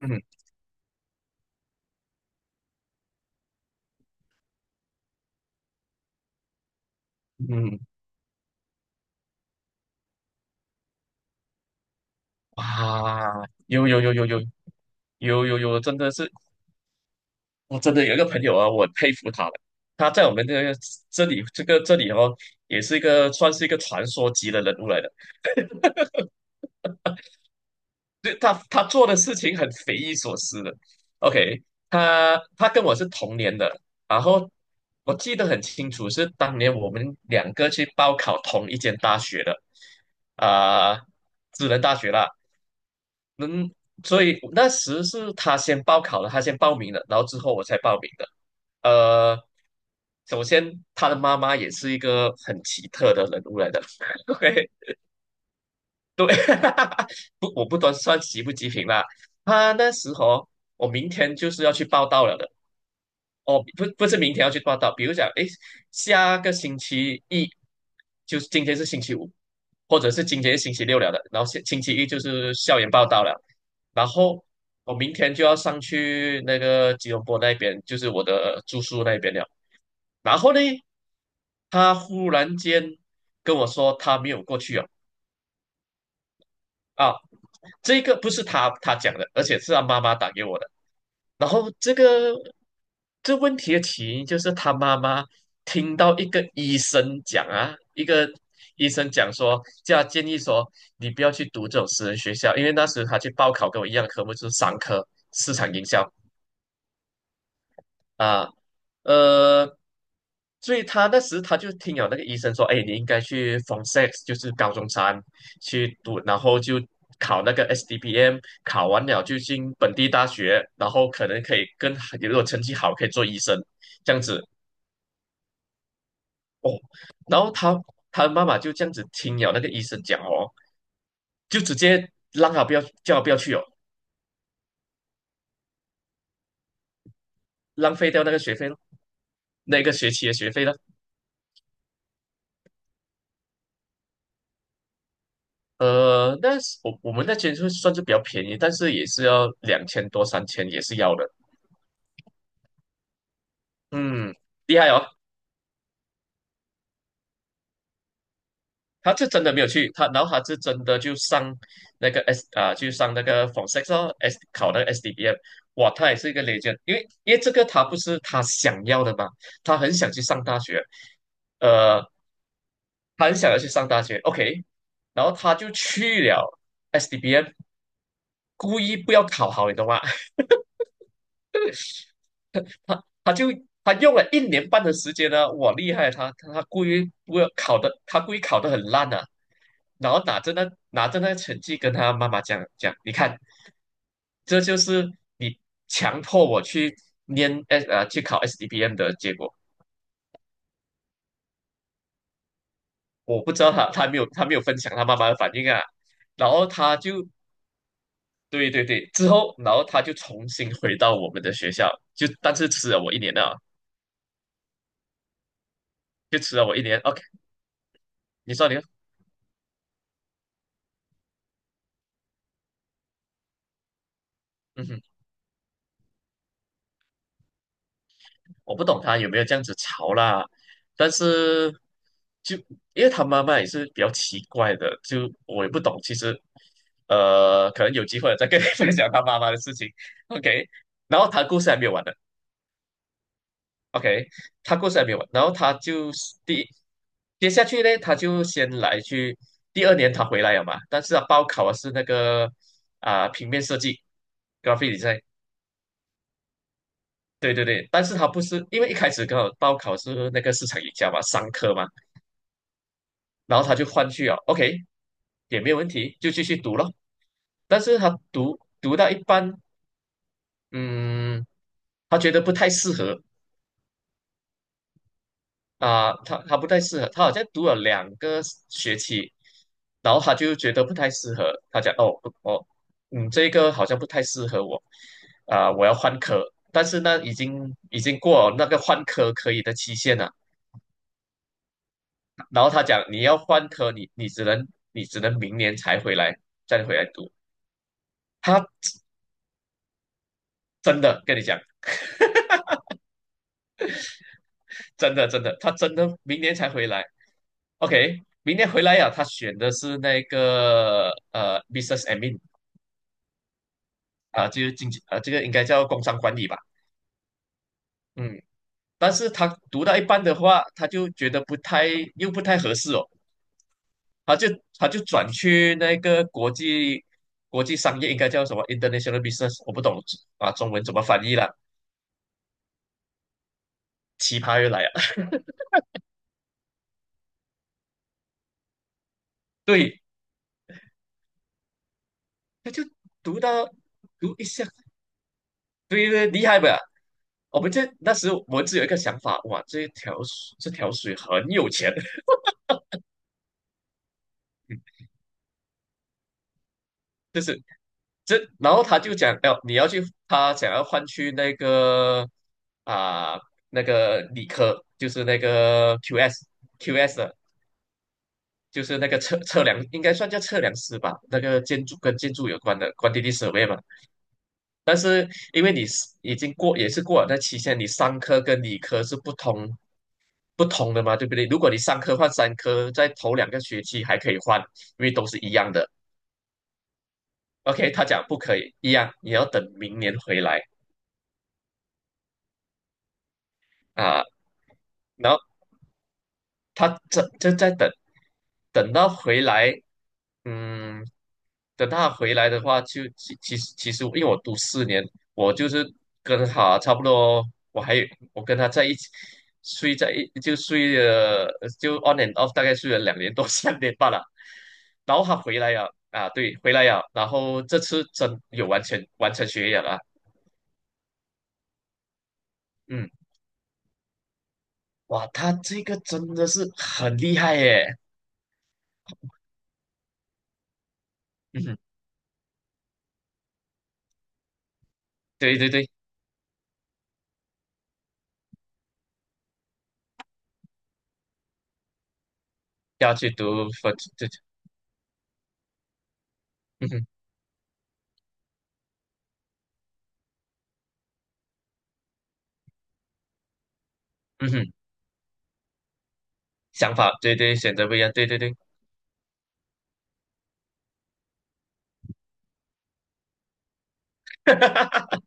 嗯嗯，啊，有有有有有有有有，真的是，我真的有一个朋友啊，我很佩服他的。他在我们这个这里哦，也是一个算是一个传说级的人物来的。对，他做的事情很匪夷所思的。OK，他跟我是同年的，然后我记得很清楚，是当年我们两个去报考同一间大学的，啊、呃，智能大学啦。能，所以那时是他先报考了，他先报名了，然后之后我才报名的。呃，首先他的妈妈也是一个很奇特的人物来的，o k 对，不，我不端算极不极品啦。他那时候我明天就是要去报道了的，哦，不是明天要去报道，比如讲，诶，下个星期一，就是今天是星期五，或者是今天是星期六了的，然后星期一就是校园报道了，然后我明天就要上去那个吉隆坡那边，就是我的住宿那边了。然后呢，他忽然间跟我说他没有过去哦，啊，这个不是他讲的，而且是他妈妈打给我的。然后这问题的起因就是他妈妈听到一个医生讲啊，一个医生讲说，叫他建议说你不要去读这种私人学校，因为那时他去报考跟我一样的科目就是商科市场营销，啊，呃，所以他那时就听了那个医生说，哎，你应该去 Form Six，就是高中三去读，然后就考那个 SDPM，考完了就进本地大学，然后可能可以跟如果成绩好可以做医生这样子哦。然后他的妈妈就这样子听了那个医生讲哦，就直接让他不要叫他不要去哦，浪费掉那个学费咯，那个学期的学费了。那是我们那间就算是比较便宜，但是也是要2000多3000也是要的。嗯，厉害哦，他是真的没有去，然后他是真的就上那个 S 啊，就上那个 f o r s e x 哦，S 考那个 SDBM，哇，他也是一个 legend，因为这个他不是他想要的嘛，他很想去上大学，呃，他很想要去上大学，OK，然后他就去了 SDBM，故意不要考好，你懂吗？他他就他用了一年半的时间呢，我厉害啊！他故意不要考的，他故意考的很烂啊，然后拿着那个成绩跟他妈妈讲讲，你看，这就是你强迫我去去考 s d b m 的结果。我不知道他没有分享他妈妈的反应啊，然后他就对对对，之后然后他就重新回到我们的学校，就但是吃了我一年啊，就吃了我一年。OK，你说你说，嗯哼。我不懂他有没有这样子吵啦，但是就因为他妈妈也是比较奇怪的，就我也不懂。其实，可能有机会我再跟你 分享他妈妈的事情。OK，然后他故事还没有完呢。OK，他故事还没有完，然后他就是接下去呢，他就先来去第二年他回来了嘛，但是他报考的是那个平面设计 graphic design。对对对，但是他不是因为一开始刚好报考是那个市场营销嘛，商科嘛，然后他就换去啊，OK，也没有问题，就继续读了。但是他读到一半，嗯，他觉得不太适合他不太适合，他好像读了两个学期，然后他就觉得不太适合，他讲哦，不哦，嗯，这个好像不太适合我，我要换科，但是呢，已经过了那个换科可以的期限了，然后他讲你要换科，你只能明年才回来再回来读，他真的跟你讲，真的真的，他真的明年才回来。OK，明年回来呀、他选的是那个business admin 就是经济啊、这个应该叫工商管理吧。嗯，但是他读到一半的话，他就觉得不太又不太合适哦，他就他就转去那个国际商业应该叫什么 international business，我不懂啊，中文怎么翻译了，奇葩又来了。对，他就读到读一下，对对，厉害吧？我们这那时我们只有一个想法，哇，这条水很有钱，就是这，然后他就讲你要去，他想要换去那个啊、那个理科，就是那个 QS QS 的，就是那个测量，应该算叫测量师吧，那个建筑跟建筑有关的 q u a n t 嘛，因为你是已经过也是过了那期限，你商科跟理科是不同的嘛，对不对？如果你三科换三科，在头两个学期还可以换，因为都是一样的。OK，他讲不可以一样，你要等明年回来啊。然后他这就在等，等到回来，嗯，等他回来的话就，其实，因为我读4年，我就是跟他差不多，我还有我跟他在一起睡在一就睡了就 on and off，大概睡了2年多 3年半了，然后他回来了啊，对，回来了，然后这次真有完成学业了嗯，哇，他这个真的是很厉害耶，嗯，对对对，要去读分，嗯哼，嗯哼，想法对对，选择不一样，对对对，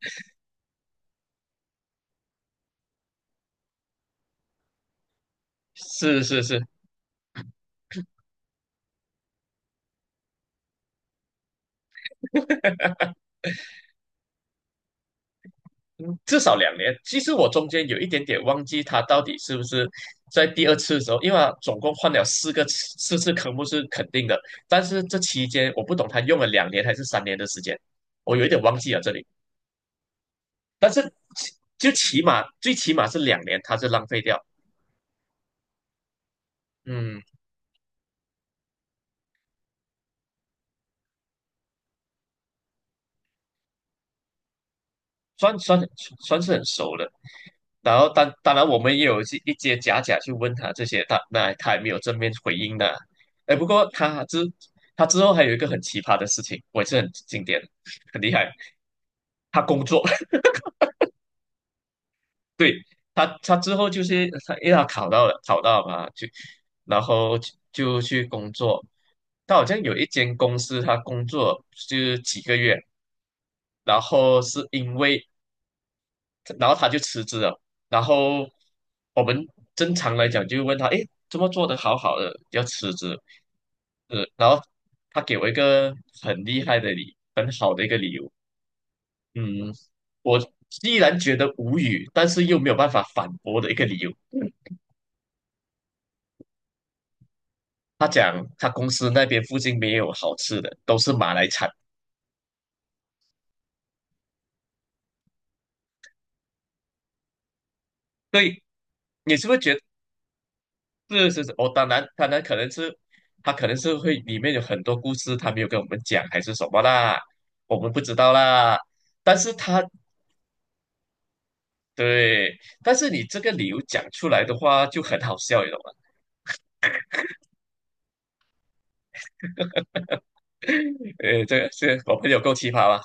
是是是，嗯至少两年。其实我中间有一点点忘记他到底是不是在第二次的时候，因为他总共换了四次科目是肯定的，但是这期间我不懂他用了2年还是3年的时间，我有一点忘记了这里。但是起就起码最起码是两年，他是浪费掉。嗯。算算算是很熟的，然后当然我们也有一些假假去问他这些，他也没有正面回应的。哎，不过他之后还有一个很奇葩的事情，我也是很经典，很厉害。他工作，对，他之后就是他，因为他考到了，考到了嘛，然后就去工作。他好像有一间公司，他工作就是几个月，然后是因为然后他就辞职了。然后我们正常来讲就问他，诶，怎么做得好好的要辞职？然后他给我一个很好的一个理由。嗯，我依然觉得无语，但是又没有办法反驳的一个理由。他讲他公司那边附近没有好吃的，都是马来餐。对，你是不是觉得？是是是，哦，当然可能是他可能是会里面有很多故事，他没有跟我们讲，还是什么啦，我们不知道啦。但是他对，但是你这个理由讲出来的话就很好笑，你懂吗？这个是我朋友够奇葩吧？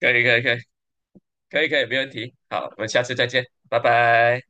可以可以可以可以可以，没问题。好，我们下次再见，拜拜。